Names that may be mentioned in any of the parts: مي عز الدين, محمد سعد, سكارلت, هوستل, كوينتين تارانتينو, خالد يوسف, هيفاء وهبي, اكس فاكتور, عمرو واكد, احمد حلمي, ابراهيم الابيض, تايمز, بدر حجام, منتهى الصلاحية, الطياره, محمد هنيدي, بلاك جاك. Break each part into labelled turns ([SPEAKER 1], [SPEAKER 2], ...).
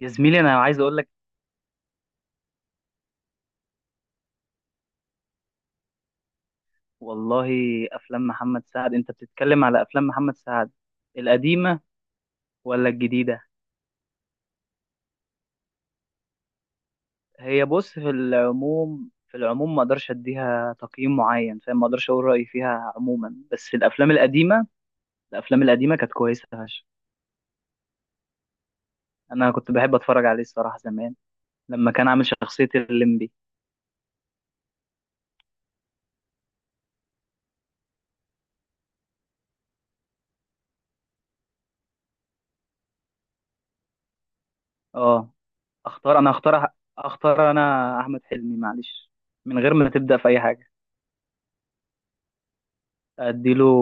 [SPEAKER 1] يا زميلي، انا عايز اقول لك. والله، افلام محمد سعد، انت بتتكلم على افلام محمد سعد القديمه ولا الجديده؟ هي بص، في العموم ما اقدرش اديها تقييم معين، فاهم؟ ما اقدرش اقول رايي فيها عموما، بس الافلام القديمه. الافلام القديمه كانت كويسه فشخ. انا كنت بحب اتفرج عليه الصراحه زمان لما كان عامل شخصيه الليمبي. اه، اختار انا اختار، اختار انا احمد حلمي، معلش، من غير ما تبدا في اي حاجه. اديله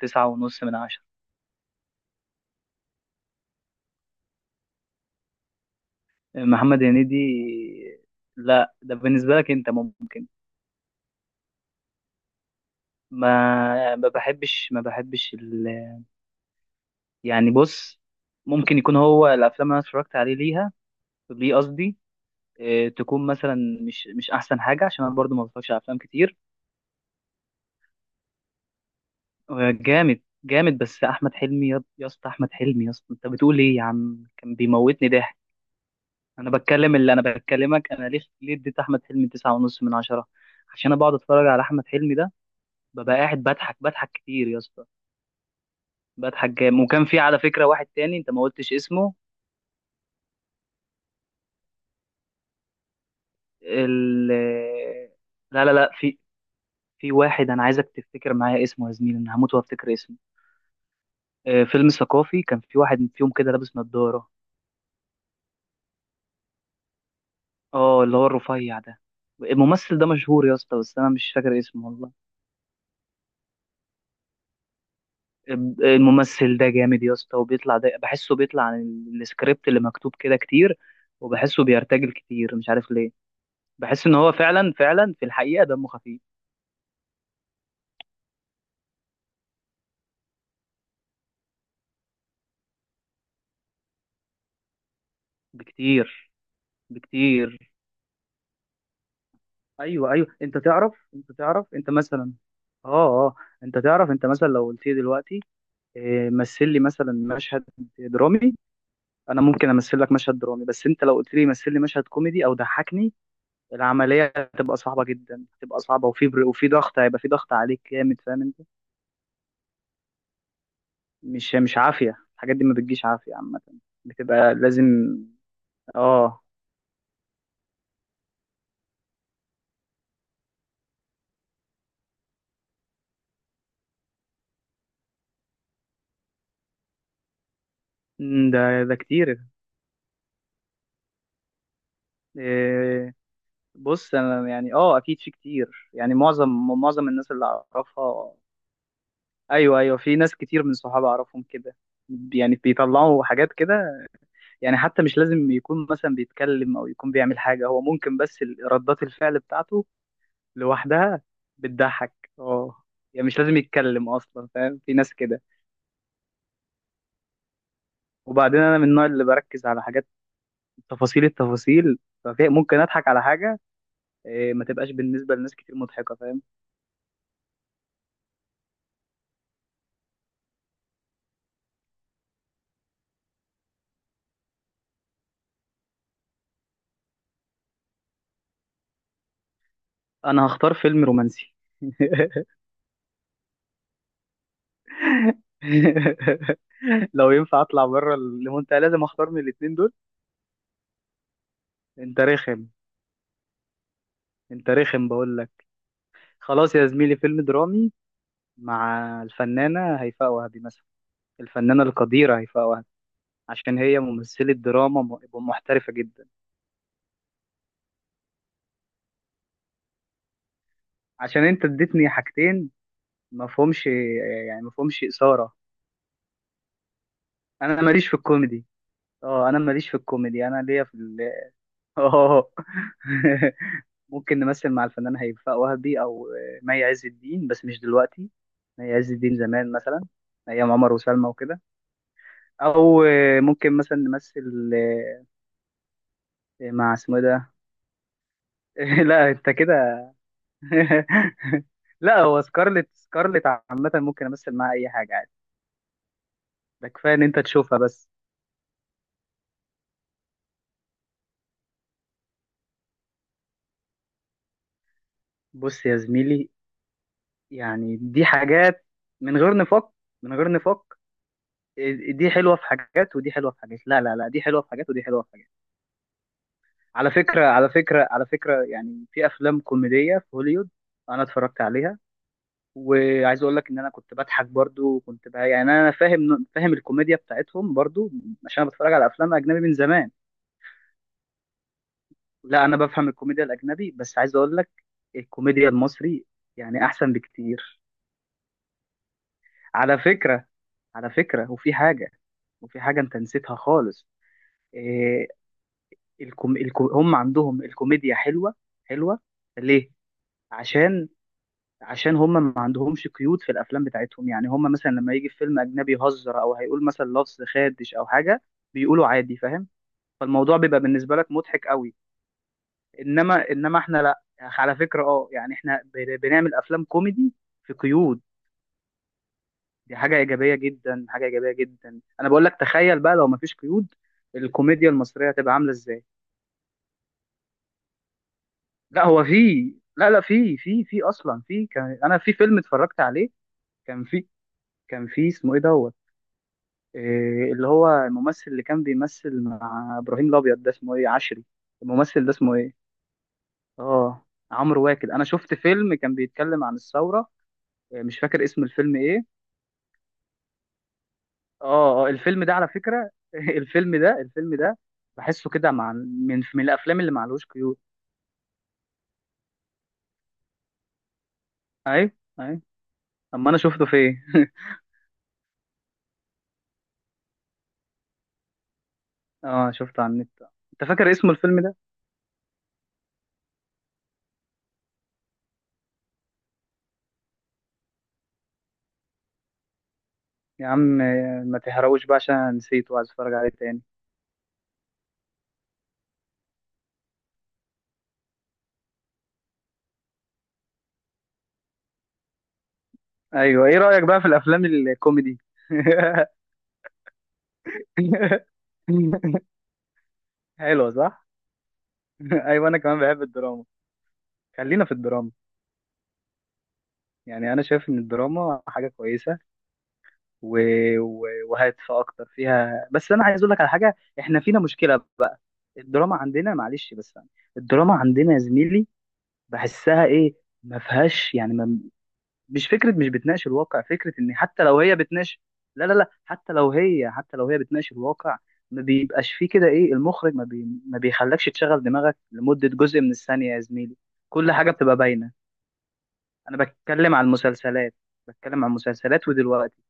[SPEAKER 1] 9.5 من 10. محمد هنيدي؟ لا، ده بالنسبة لك انت ممكن. ما بحبش يعني بص، ممكن يكون هو الافلام اللي انا اتفرجت عليه ليها، ليه قصدي، اه، تكون مثلا مش احسن حاجة عشان انا برضو ما بتفرجش على افلام كتير. اه، جامد جامد، بس احمد حلمي، يا اسطى، احمد حلمي يا اسطى، انت بتقول ايه يا عم؟ كان بيموتني ضحك. انا بتكلم، اللي انا بكلمك انا، ليه اديت احمد حلمي 9.5 من 10؟ عشان انا بقعد اتفرج على احمد حلمي ده، ببقى قاعد بضحك كتير يا اسطى. بدر حجام، وكان في على فكرة واحد تاني انت ما قلتش اسمه. ال... لا لا، لا في واحد انا عايزك تفتكر معايا اسمه يا زميلي، انا هموت وافتكر اسمه. آه، فيلم ثقافي، كان في واحد فيهم كده لابس نظارة، اه اللي هو الرفيع ده. الممثل ده مشهور يا اسطى، بس انا مش فاكر اسمه والله. الممثل ده جامد يا اسطى، وبيطلع ده، بحسه بيطلع عن السكريبت اللي مكتوب كده كتير، وبحسه بيرتجل كتير، مش عارف ليه. بحس ان هو فعلا فعلا في الحقيقة دمه خفيف. بكتير. بكتير. ايوه، ايوه، انت تعرف، انت تعرف، انت مثلا، اه، اه، انت تعرف، انت مثلا لو قلت لي دلوقتي، إيه، مثل لي مثلا مشهد درامي. انا ممكن امثل لك مشهد درامي، بس انت لو قلت لي مثل لي مشهد كوميدي او ضحكني، العمليه هتبقى صعبه جدا، هتبقى صعبه، وفي ضغط، هيبقى في ضغط عليك جامد، فاهم انت؟ مش عافيه الحاجات دي، ما بتجيش عافيه عامه. بتبقى لازم. اه. ده كتير. آه، بص انا يعني، اكيد في كتير، يعني معظم الناس اللي اعرفها. ايوه، ايوه، في ناس كتير من صحابي اعرفهم كده. يعني بيطلعوا حاجات كده. يعني حتى مش لازم يكون مثلا بيتكلم او يكون بيعمل حاجه، هو ممكن بس ردات الفعل بتاعته لوحدها بتضحك، اه. يعني مش لازم يتكلم اصلا، فاهم؟ في ناس كده. وبعدين انا من النوع اللي بركز على حاجات، تفاصيل، التفاصيل. ففي ممكن اضحك على حاجه، إيه، ما تبقاش بالنسبه لناس كتير مضحكه، فاهم؟ انا هختار فيلم رومانسي. لو ينفع اطلع بره المنتهى لازم اختار من الاتنين دول. انت رخم. انت رخم بقول لك. خلاص يا زميلي، فيلم درامي، مع الفنانه هيفاء وهبي مثلا، الفنانه القديره هيفاء وهبي، عشان هي ممثله دراما محترفه جدا. عشان انت اديتني حاجتين، ما فهمش، يعني ما فهمش اثاره. انا ماليش في الكوميدي. اه، انا ماليش في الكوميدي، انا ليا في اه، ممكن نمثل مع الفنان هيفاء وهبي او آه، مي عز الدين، بس مش دلوقتي. مي عز الدين زمان مثلا، ايام عمر وسلمى وكده. او ممكن مثلا نمثل مع اسمه إيه ده. لا انت كده. لا، هو سكارلت، سكارلت عامة ممكن امثل معاها اي حاجة عادي. ده كفاية ان انت تشوفها بس. بص يا زميلي، يعني دي حاجات. من غير نفاق. من غير نفاق. آه، دي حلوة في حاجات ودي حلوة في حاجات. لا لا لا، دي حلوة في حاجات ودي حلوة في حاجات. على فكرة، يعني في أفلام كوميدية في هوليوود أنا اتفرجت عليها. وعايز أقول لك إن أنا كنت بضحك برضو، وكنت بقى يعني أنا فاهم الكوميديا بتاعتهم برضو، عشان أنا بتفرج على أفلام أجنبي من زمان. لا، أنا بفهم الكوميديا الأجنبي، بس عايز أقول لك، الكوميديا المصري يعني أحسن بكتير. على فكرة على فكرة، وفي حاجة أنت نسيتها خالص. إيه، هم عندهم الكوميديا حلوة. حلوة ليه؟ عشان عشان هم ما عندهمش قيود في الافلام بتاعتهم، يعني هم مثلا لما يجي في فيلم اجنبي يهزر او هيقول مثلا لفظ خادش او حاجه، بيقولوا عادي، فاهم؟ فالموضوع بيبقى بالنسبه لك مضحك قوي. انما احنا لا على فكره، يعني احنا بنعمل افلام كوميدي، في قيود. دي حاجه ايجابيه جدا، حاجه ايجابيه جدا، انا بقول لك، تخيل بقى لو ما فيش قيود، الكوميديا المصريه هتبقى عامله ازاي؟ لا، هو في، لا لا، في اصلا، في، كان انا في فيلم اتفرجت عليه. كان في كان في اسمه ايه، دوت، إيه، اللي هو الممثل اللي كان بيمثل مع ابراهيم الابيض ده اسمه ايه، عشري، الممثل ده اسمه ايه؟ اه، عمرو واكد، انا شفت فيلم كان بيتكلم عن الثوره، إيه، مش فاكر اسم الفيلم ايه. اه، اه، الفيلم ده على فكره، الفيلم ده بحسه كده مع من الافلام اللي معلوش قيود. اي. اي. اما انا شفته فين؟ اه، شفته على النت. انت فاكر اسم الفيلم ده؟ يا عم، آه، ما تحرقوش بقى عشان أنا نسيت وعايز اتفرج عليه تاني. ايوه، ايه رايك بقى في الافلام الكوميدي؟ حلوة، صح؟ أيوة، أنا كمان بحب الدراما. خلينا في الدراما. يعني أنا شايف إن الدراما حاجة كويسة و... وهادفة أكتر فيها، بس أنا عايز أقول لك على حاجة، إحنا فينا مشكلة بقى. الدراما عندنا، معلش بس يعني، الدراما عندنا يا زميلي، بحسها إيه، ما فيهاش يعني. مش فكره، مش بتناقش الواقع، فكره ان حتى لو هي بتناقش، لا لا لا، حتى لو هي بتناقش الواقع، ما بيبقاش فيه كده ايه، المخرج ما بيخلكش تشغل دماغك لمده جزء من الثانيه يا زميلي، كل حاجه بتبقى باينه. انا بتكلم عن المسلسلات، بتكلم عن المسلسلات ودلوقتي.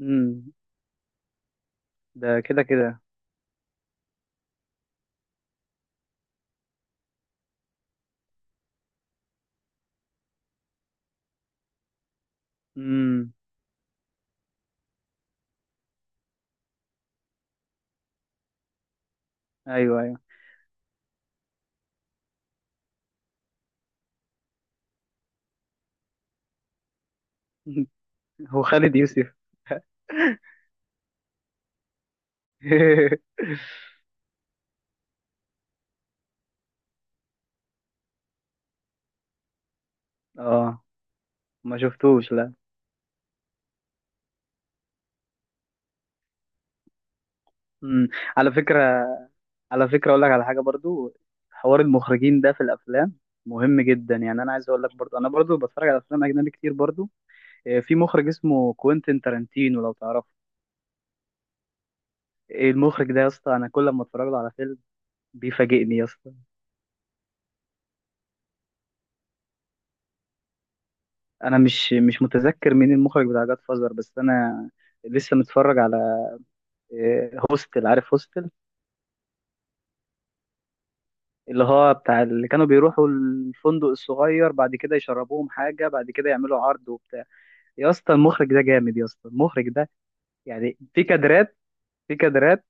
[SPEAKER 1] امم. ده كده كده. امم. ايوه، ايوه. هو خالد يوسف؟ اه، ما شفتوش، لا. امم. على فكره على فكرة أقول لك على حاجة برضو، حوار المخرجين ده في الأفلام مهم جدا، يعني أنا عايز أقول لك برضو، أنا برضو بتفرج على أفلام أجنبي كتير برضو. آه، في مخرج اسمه كوينتين تارانتينو لو تعرفه، إيه المخرج ده يا اسطى، أنا كل ما أتفرج له على فيلم بيفاجئني يا اسطى. أنا مش متذكر مين المخرج بتاع جاد فازر، بس أنا لسه متفرج على آه، هوستل، عارف هوستل؟ اللي هو بتاع اللي كانوا بيروحوا الفندق الصغير، بعد كده يشربوهم حاجة، بعد كده يعملوا عرض وبتاع. يا اسطى المخرج ده جامد، يا اسطى المخرج ده، يعني في كادرات، في كادرات.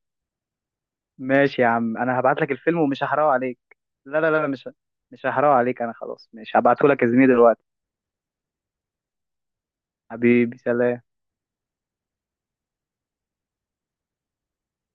[SPEAKER 1] ماشي يا عم، انا هبعت لك الفيلم ومش هحرقه عليك. لا لا لا لا، مش هحرقه عليك، انا خلاص، ماشي، هبعته لك يا زميلي دلوقتي. حبيبي، سلام.